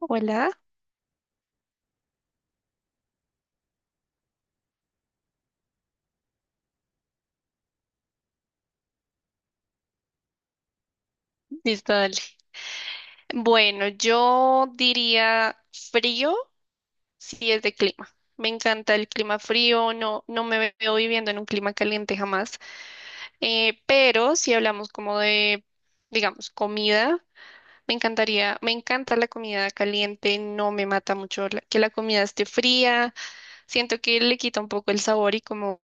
Hola, listo, dale. Bueno, yo diría frío si es de clima. Me encanta el clima frío, no, no me veo viviendo en un clima caliente jamás. Pero si hablamos como de, digamos, comida, me encantaría, me encanta la comida caliente, no me mata mucho que la comida esté fría. Siento que le quita un poco el sabor y como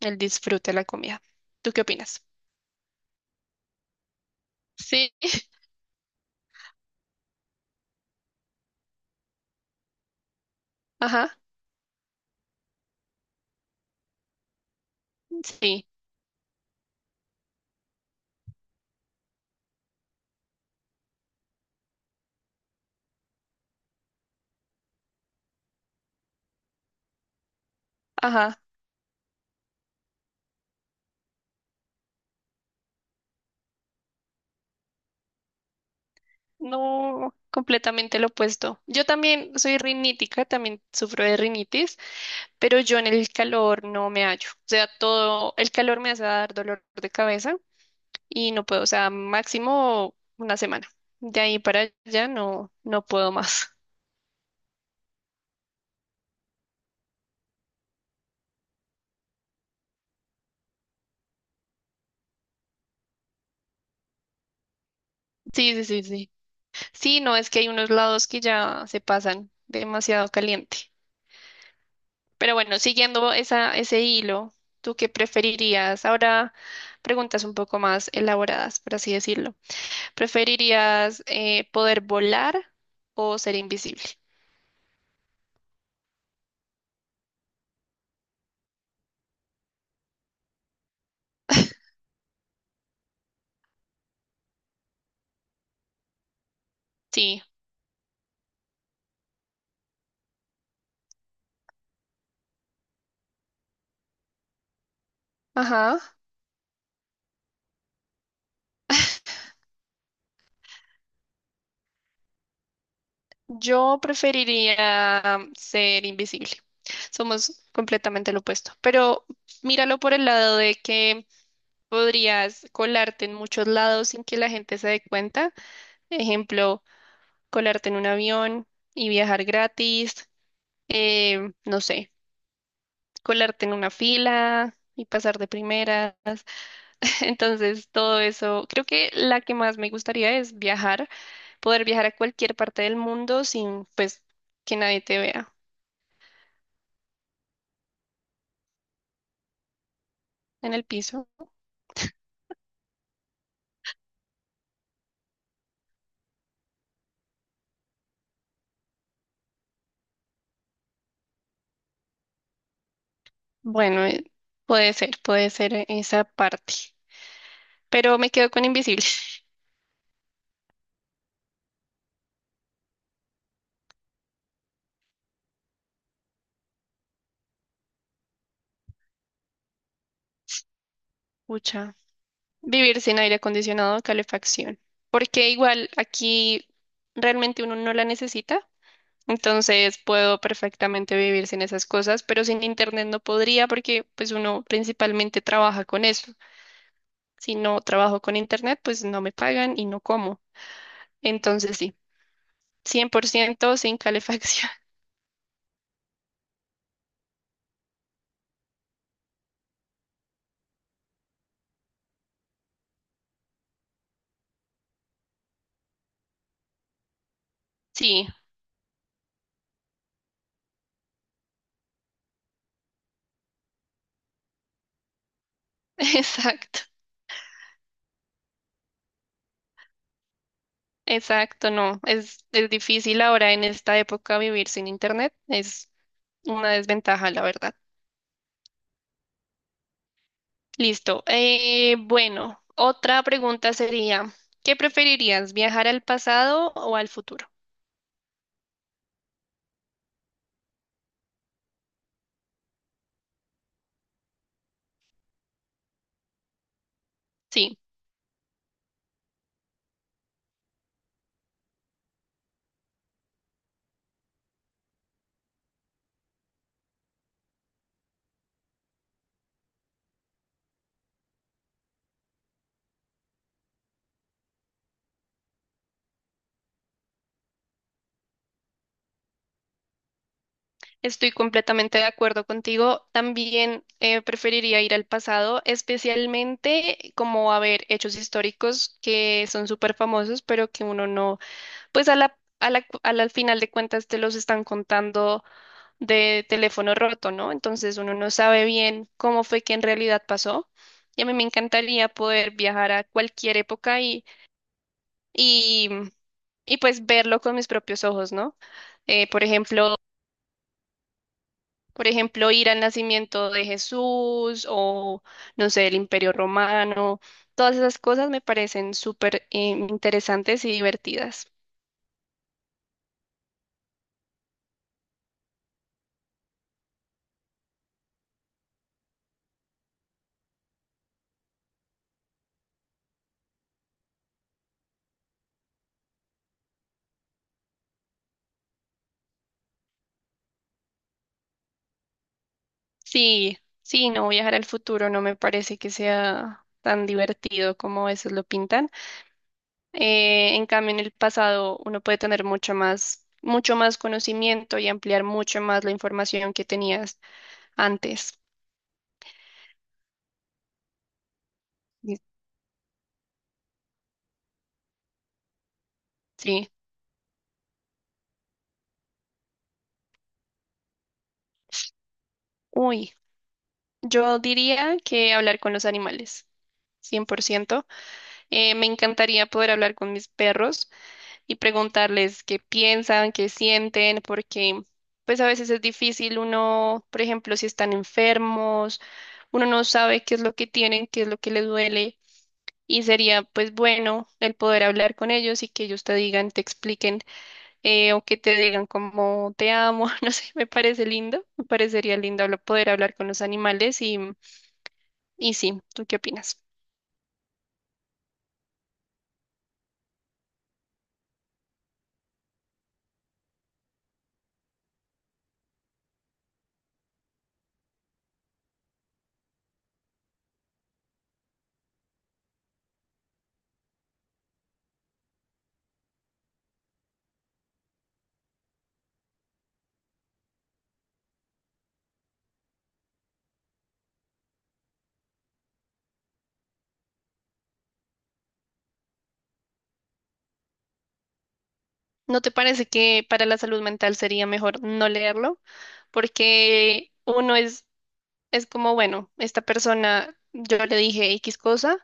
el disfrute de la comida. ¿Tú qué opinas? Sí, ajá, sí, ajá. No, completamente lo opuesto. Yo también soy rinítica, también sufro de rinitis, pero yo en el calor no me hallo. O sea, todo el calor me hace dar dolor de cabeza y no puedo, o sea, máximo una semana. De ahí para allá no, no puedo más. Sí, sí, sí, sí. Sí, no, es que hay unos lados que ya se pasan demasiado caliente. Pero bueno, siguiendo ese hilo, ¿tú qué preferirías? Ahora preguntas un poco más elaboradas, por así decirlo. ¿Preferirías poder volar o ser invisible? Sí, ajá. Yo preferiría ser invisible. Somos completamente lo opuesto. Pero míralo por el lado de que podrías colarte en muchos lados sin que la gente se dé cuenta. Ejemplo, colarte en un avión y viajar gratis. No sé, colarte en una fila y pasar de primera. Entonces, todo eso, creo que la que más me gustaría es viajar, poder viajar a cualquier parte del mundo sin, pues, que nadie te vea en el piso. Bueno, puede ser esa parte, pero me quedo con invisible. Pucha, vivir sin aire acondicionado o calefacción, porque igual aquí realmente uno no la necesita, entonces puedo perfectamente vivir sin esas cosas, pero sin internet no podría porque pues uno principalmente trabaja con eso. Si no trabajo con internet, pues no me pagan y no como. Entonces sí, 100% sin calefacción. Sí, exacto, exacto, no. Es difícil ahora en esta época vivir sin internet. Es una desventaja, la verdad. Listo. Bueno, otra pregunta sería, ¿qué preferirías, viajar al pasado o al futuro? Sí. Estoy completamente de acuerdo contigo. También preferiría ir al pasado, especialmente como a ver hechos históricos que son súper famosos, pero que uno no, pues a la, cu- a la- al final de cuentas te los están contando de teléfono roto, ¿no? Entonces uno no sabe bien cómo fue que en realidad pasó. Y a mí me encantaría poder viajar a cualquier época y, y pues verlo con mis propios ojos, ¿no? Eh, por ejemplo, Por ejemplo, ir al nacimiento de Jesús o, no sé, el Imperio Romano. Todas esas cosas me parecen súper interesantes y divertidas. Sí, sí, no viajar al futuro no me parece que sea tan divertido como a veces lo pintan. En cambio, en el pasado uno puede tener mucho más conocimiento y ampliar mucho más la información que tenías antes. Y- Sí. Uy, yo diría que hablar con los animales, 100%. Me encantaría poder hablar con mis perros y preguntarles qué piensan, qué sienten, porque pues a veces es difícil uno, por ejemplo, si están enfermos, uno no sabe qué es lo que tienen, qué es lo que les duele y sería pues bueno el poder hablar con ellos y que ellos te digan, te expliquen o que te digan como te amo, no sé, me parece lindo, me parecería lindo poder hablar con los animales y sí, ¿tú qué opinas? ¿No te parece que para la salud mental sería mejor no leerlo? Porque uno es como, bueno, esta persona, yo le dije X cosa,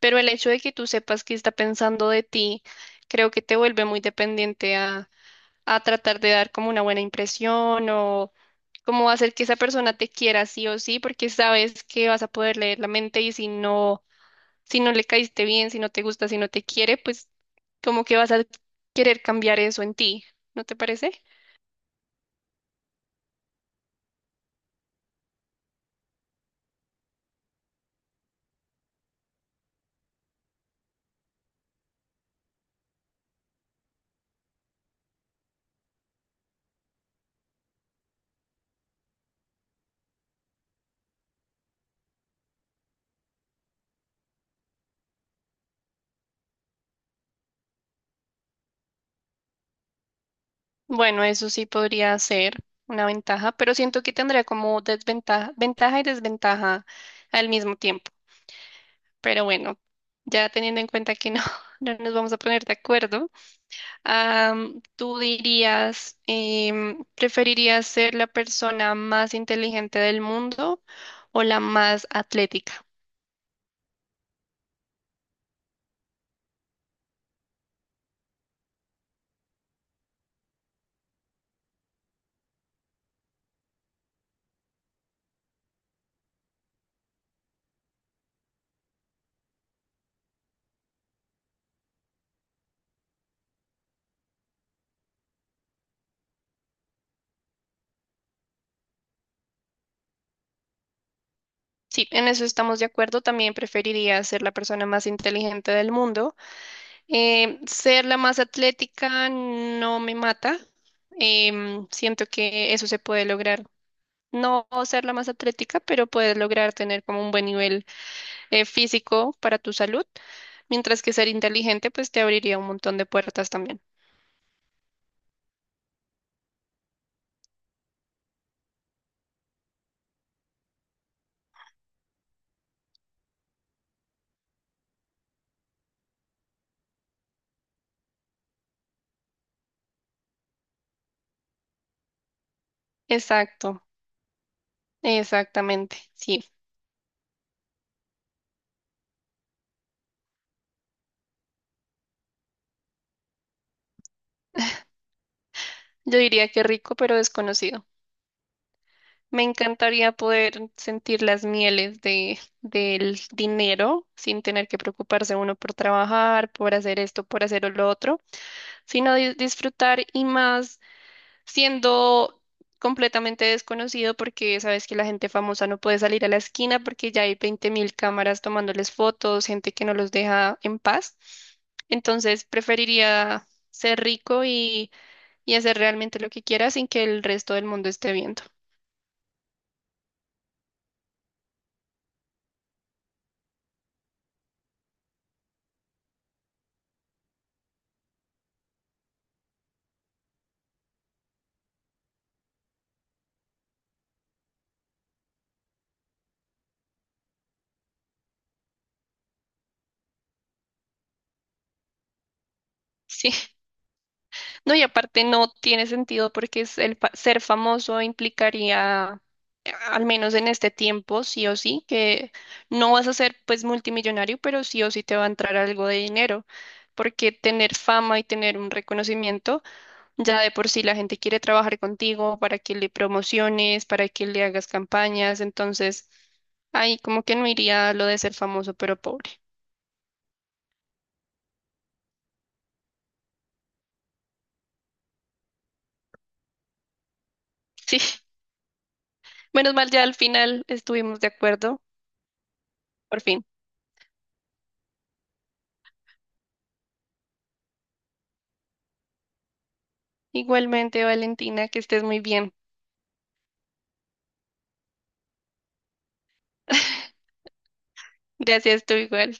pero el hecho de que tú sepas qué está pensando de ti, creo que te vuelve muy dependiente a tratar de dar como una buena impresión o como hacer que esa persona te quiera sí o sí, porque sabes que vas a poder leer la mente y si no le caíste bien, si no te gusta, si no te quiere, pues como que vas a querer cambiar eso en ti, ¿no te parece? Bueno, eso sí podría ser una ventaja, pero siento que tendría como desventaja, ventaja y desventaja al mismo tiempo. Pero bueno, ya teniendo en cuenta que no, no nos vamos a poner de acuerdo, am, ¿tú dirías, preferirías ser la persona más inteligente del mundo o la más atlética? Sí, en eso estamos de acuerdo. También preferiría ser la persona más inteligente del mundo. Ser la más atlética no me mata. Siento que eso se puede lograr. No ser la más atlética, pero puedes lograr tener como un buen nivel físico para tu salud. Mientras que ser inteligente, pues te abriría un montón de puertas también. Exacto, exactamente. Sí, yo diría que rico, pero desconocido. Me encantaría poder sentir las mieles del dinero sin tener que preocuparse uno por trabajar, por hacer esto, por hacer lo otro, sino disfrutar y más siendo completamente desconocido porque sabes que la gente famosa no puede salir a la esquina porque ya hay 20.000 cámaras tomándoles fotos, gente que no los deja en paz. Entonces preferiría ser rico y hacer realmente lo que quiera sin que el resto del mundo esté viendo. No, y aparte no tiene sentido porque es ser famoso implicaría, al menos en este tiempo, sí o sí, que no vas a ser pues multimillonario, pero sí o sí te va a entrar algo de dinero, porque tener fama y tener un reconocimiento, ya de por sí la gente quiere trabajar contigo para que le promociones, para que le hagas campañas, entonces ahí como que no iría lo de ser famoso pero pobre. Sí, menos mal ya al final estuvimos de acuerdo, por fin. Igualmente, Valentina, que estés muy bien. Gracias, tú igual.